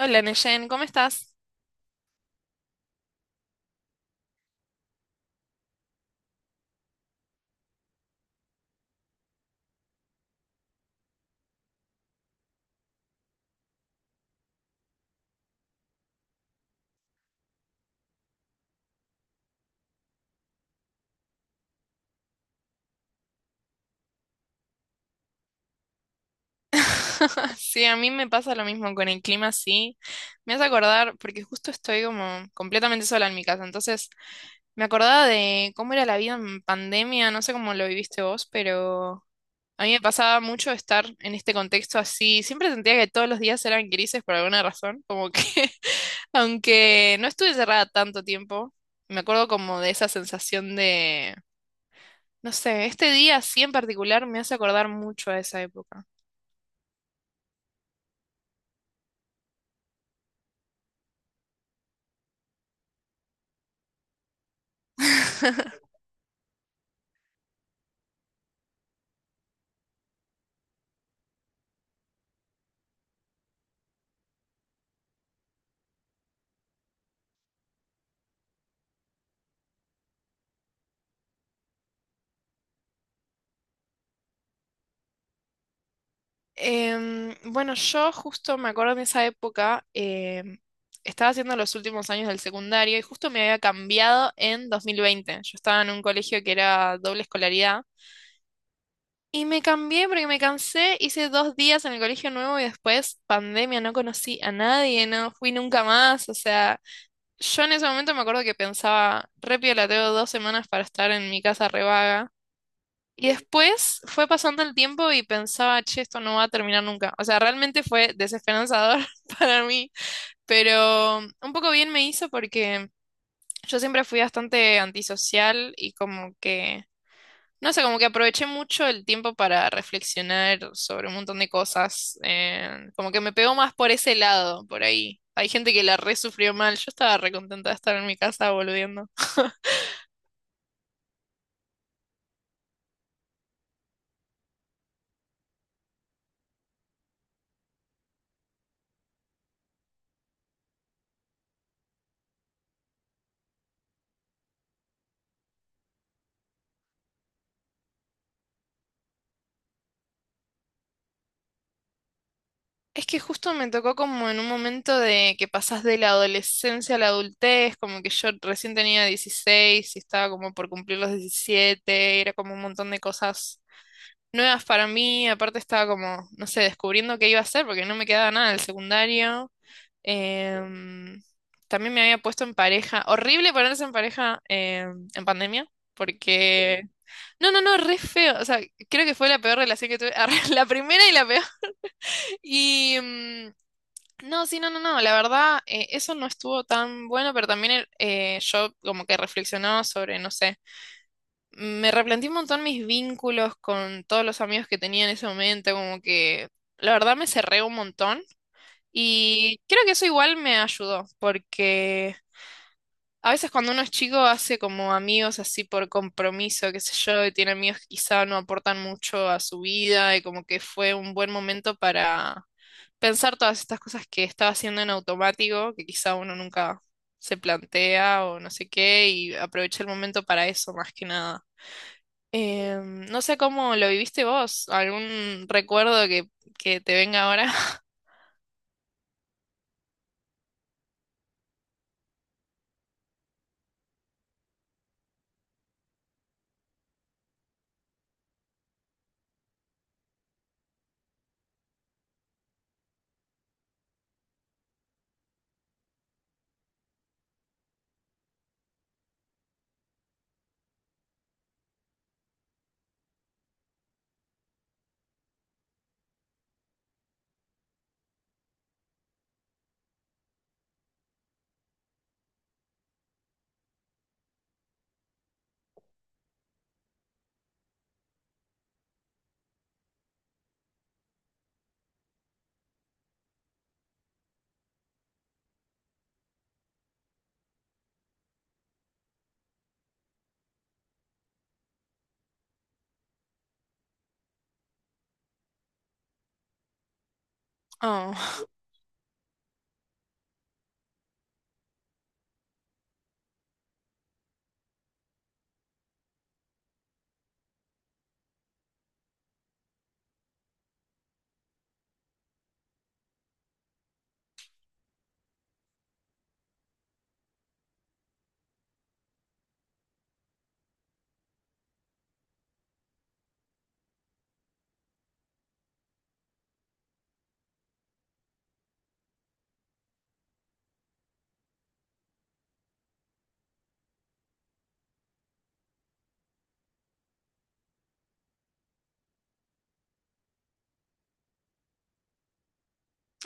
Hola, Neyen, ¿cómo estás? Sí, a mí me pasa lo mismo con el clima, sí. Me hace acordar, porque justo estoy como completamente sola en mi casa, entonces me acordaba de cómo era la vida en pandemia, no sé cómo lo viviste vos, pero a mí me pasaba mucho estar en este contexto así. Siempre sentía que todos los días eran grises por alguna razón, como que aunque no estuve cerrada tanto tiempo, me acuerdo como de esa sensación de, no sé, este día así en particular me hace acordar mucho a esa época. Bueno, yo justo me acuerdo en esa época, estaba haciendo los últimos años del secundario y justo me había cambiado en 2020. Yo estaba en un colegio que era doble escolaridad y me cambié porque me cansé, hice 2 días en el colegio nuevo y después pandemia, no conocí a nadie, no fui nunca más. O sea, yo en ese momento me acuerdo que pensaba, re piola, tengo 2 semanas para estar en mi casa revaga y después fue pasando el tiempo y pensaba, che, esto no va a terminar nunca. O sea, realmente fue desesperanzador para mí, pero un poco bien me hizo porque yo siempre fui bastante antisocial y como que, no sé, como que aproveché mucho el tiempo para reflexionar sobre un montón de cosas. Como que me pegó más por ese lado, por ahí. Hay gente que la re sufrió mal, yo estaba re contenta de estar en mi casa volviendo. Es que justo me tocó como en un momento de que pasás de la adolescencia a la adultez, como que yo recién tenía 16 y estaba como por cumplir los 17, era como un montón de cosas nuevas para mí, aparte estaba como, no sé, descubriendo qué iba a hacer porque no me quedaba nada del secundario. Em, También me había puesto en pareja, horrible ponerse en pareja en pandemia, porque... No, no, no, re feo, o sea, creo que fue la peor relación que tuve, la primera y la peor. Y... em, no, sí, no, no, no, la verdad, eso no estuvo tan bueno, pero también yo como que reflexionaba sobre, no sé, me replanteé un montón mis vínculos con todos los amigos que tenía en ese momento, como que la verdad me cerré un montón y creo que eso igual me ayudó, porque a veces cuando uno es chico hace como amigos así por compromiso, qué sé yo, y tiene amigos que quizá no aportan mucho a su vida y como que fue un buen momento pensar todas estas cosas que estaba haciendo en automático, que quizá uno nunca se plantea o no sé qué, y aproveché el momento para eso más que nada. No sé cómo lo viviste vos, algún recuerdo que te venga ahora. Oh,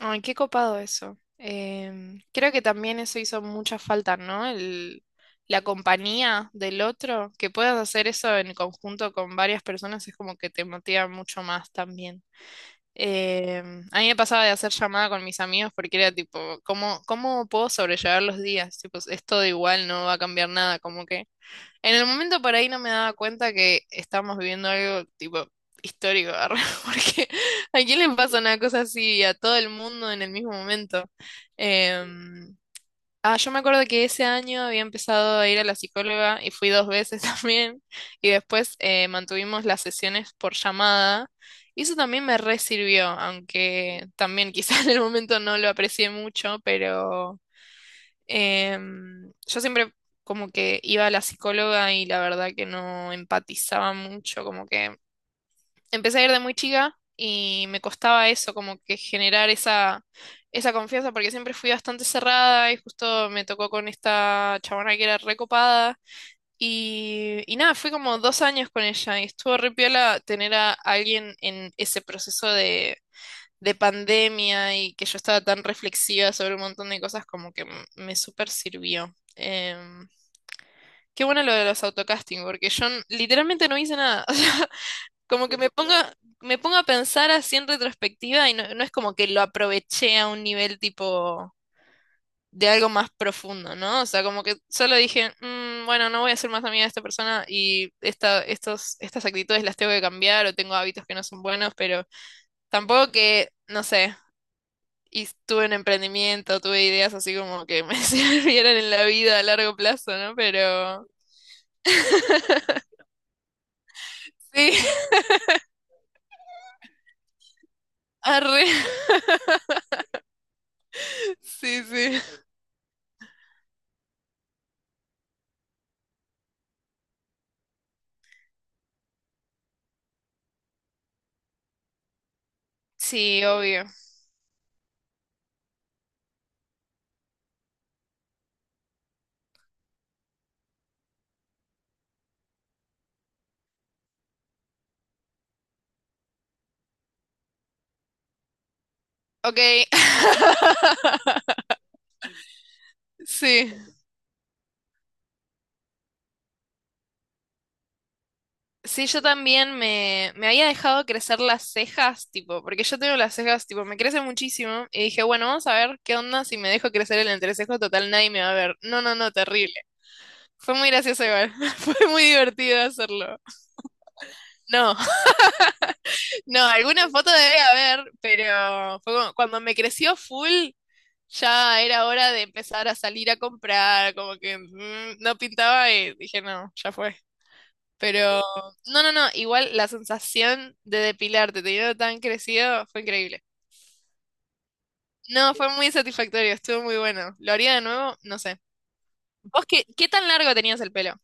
ay, qué copado eso. Creo que también eso hizo mucha falta, ¿no? La compañía del otro, que puedas hacer eso en conjunto con varias personas es como que te motiva mucho más también. Eh, a mí me pasaba de hacer llamada con mis amigos porque era tipo, ¿cómo puedo sobrellevar los días? Tipo, es todo igual, no va a cambiar nada, como que en el momento por ahí no me daba cuenta que estábamos viviendo algo tipo histórico, arre, porque ¿a quién le pasa una cosa así a todo el mundo en el mismo momento? Em, Ah, yo me acuerdo que ese año había empezado a ir a la psicóloga y fui 2 veces también, y después mantuvimos las sesiones por llamada y eso también me re sirvió, aunque también quizás en el momento no lo aprecié mucho, pero yo siempre como que iba a la psicóloga y la verdad que no empatizaba mucho, como que empecé a ir de muy chica y me costaba eso, como que generar esa confianza, porque siempre fui bastante cerrada y justo me tocó con esta chabona que era recopada. Y nada, fui como 2 años con ella y estuvo re piola tener a alguien en ese proceso de pandemia y que yo estaba tan reflexiva sobre un montón de cosas, como que me súper sirvió. Qué bueno lo de los autocasting, porque yo literalmente no hice nada. Como que me pongo a pensar así en retrospectiva y no, no es como que lo aproveché a un nivel tipo de algo más profundo, ¿no? O sea, como que solo dije, "Mm, bueno, no voy a ser más amiga de esta persona y estas actitudes las tengo que cambiar o tengo hábitos que no son buenos, pero tampoco que, no sé, y tuve un emprendimiento, tuve ideas así como que me sirvieran en la vida a largo plazo, ¿no? Pero... Sí, arre. Sí, sí. Sí, obvio. Ok, sí. Sí, yo también me había dejado crecer las cejas, tipo, porque yo tengo las cejas, tipo, me crecen muchísimo. Y dije, bueno, vamos a ver qué onda si me dejo crecer el entrecejo, total, nadie me va a ver. No, no, no, terrible. Fue muy gracioso igual. Fue muy divertido hacerlo. No, no, alguna foto debe haber, pero fue cuando me creció full, ya era hora de empezar a salir a comprar, como que no pintaba y dije, no, ya fue. Pero, no, no, no, igual la sensación de depilarte teniendo tan crecido fue increíble. No, fue muy satisfactorio, estuvo muy bueno. ¿Lo haría de nuevo? No sé. ¿Vos qué tan largo tenías el pelo?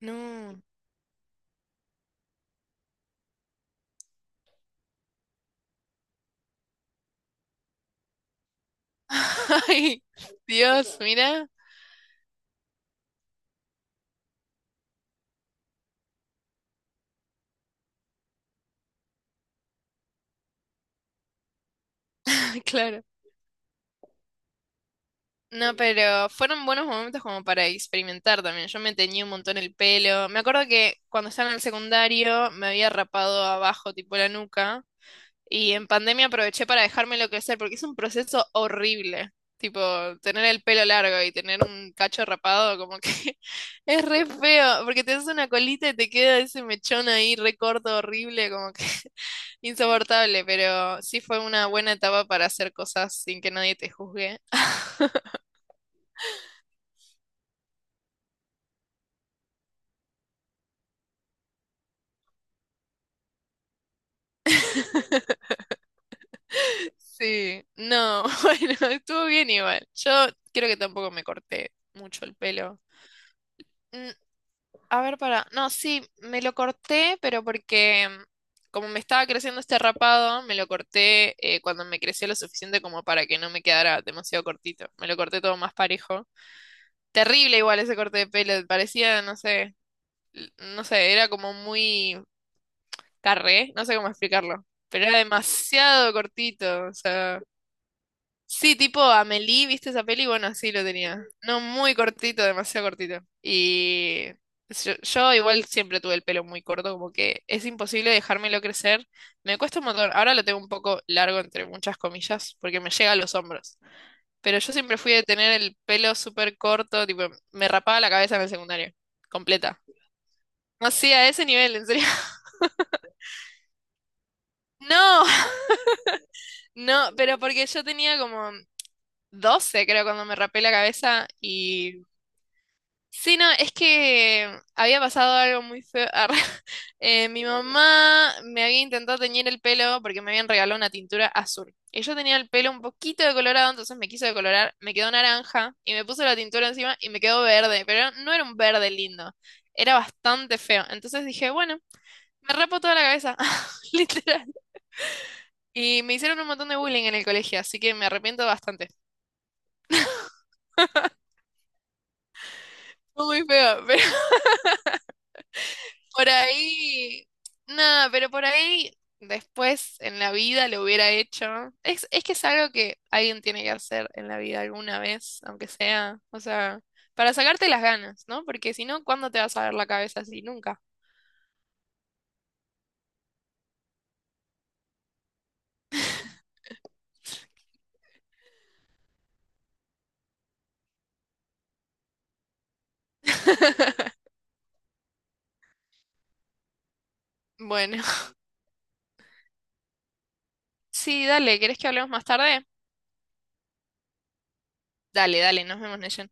No. Ay, Dios, mira. Claro. No, pero fueron buenos momentos como para experimentar también. Yo me teñí un montón el pelo. Me acuerdo que cuando estaba en el secundario me había rapado abajo, tipo la nuca. Y en pandemia aproveché para dejármelo crecer porque es un proceso horrible. Tipo, tener el pelo largo y tener un cacho rapado, como que es re feo, porque te haces una colita y te queda ese mechón ahí re corto, horrible, como que insoportable, pero sí fue una buena etapa para hacer cosas sin que nadie te juzgue. Sí, no, bueno, estuvo bien igual. Yo creo que tampoco me corté mucho el pelo. A ver, para. No, sí, me lo corté, pero porque como me estaba creciendo este rapado, me lo corté cuando me creció lo suficiente como para que no me quedara demasiado cortito. Me lo corté todo más parejo. Terrible igual ese corte de pelo, parecía, no sé, no sé, era como muy carré, no sé cómo explicarlo, pero era demasiado cortito, o sea. Sí, tipo Amélie, ¿viste esa peli? Bueno, así lo tenía. No, muy cortito, demasiado cortito. Y yo igual siempre tuve el pelo muy corto, como que es imposible dejármelo crecer. Me cuesta un montón. Ahora lo tengo un poco largo, entre muchas comillas, porque me llega a los hombros. Pero yo siempre fui de tener el pelo súper corto, tipo, me rapaba la cabeza en el secundario, completa. No, sí, a ese nivel, en serio. No, no, pero porque yo tenía como 12 creo, cuando me rapé la cabeza y sí, no, es que había pasado algo muy feo. arre. Mi mamá me había intentado teñir el pelo porque me habían regalado una tintura azul. Y yo tenía el pelo un poquito decolorado, entonces me quiso decolorar, me quedó naranja y me puso la tintura encima y me quedó verde, pero no era un verde lindo, era bastante feo. Entonces dije, bueno, me rapo toda la cabeza, literal. Y me hicieron un montón de bullying en el colegio, así que me arrepiento bastante. Fue muy feo. Por ahí, nada, pero por ahí después en la vida lo hubiera hecho. Es que es algo que alguien tiene que hacer en la vida alguna vez, aunque sea, o sea, para sacarte las ganas, ¿no? Porque si no, ¿cuándo te vas a ver la cabeza así? Nunca. Bueno, sí, dale, ¿querés que hablemos más tarde? Dale, dale, nos vemos, Neyen.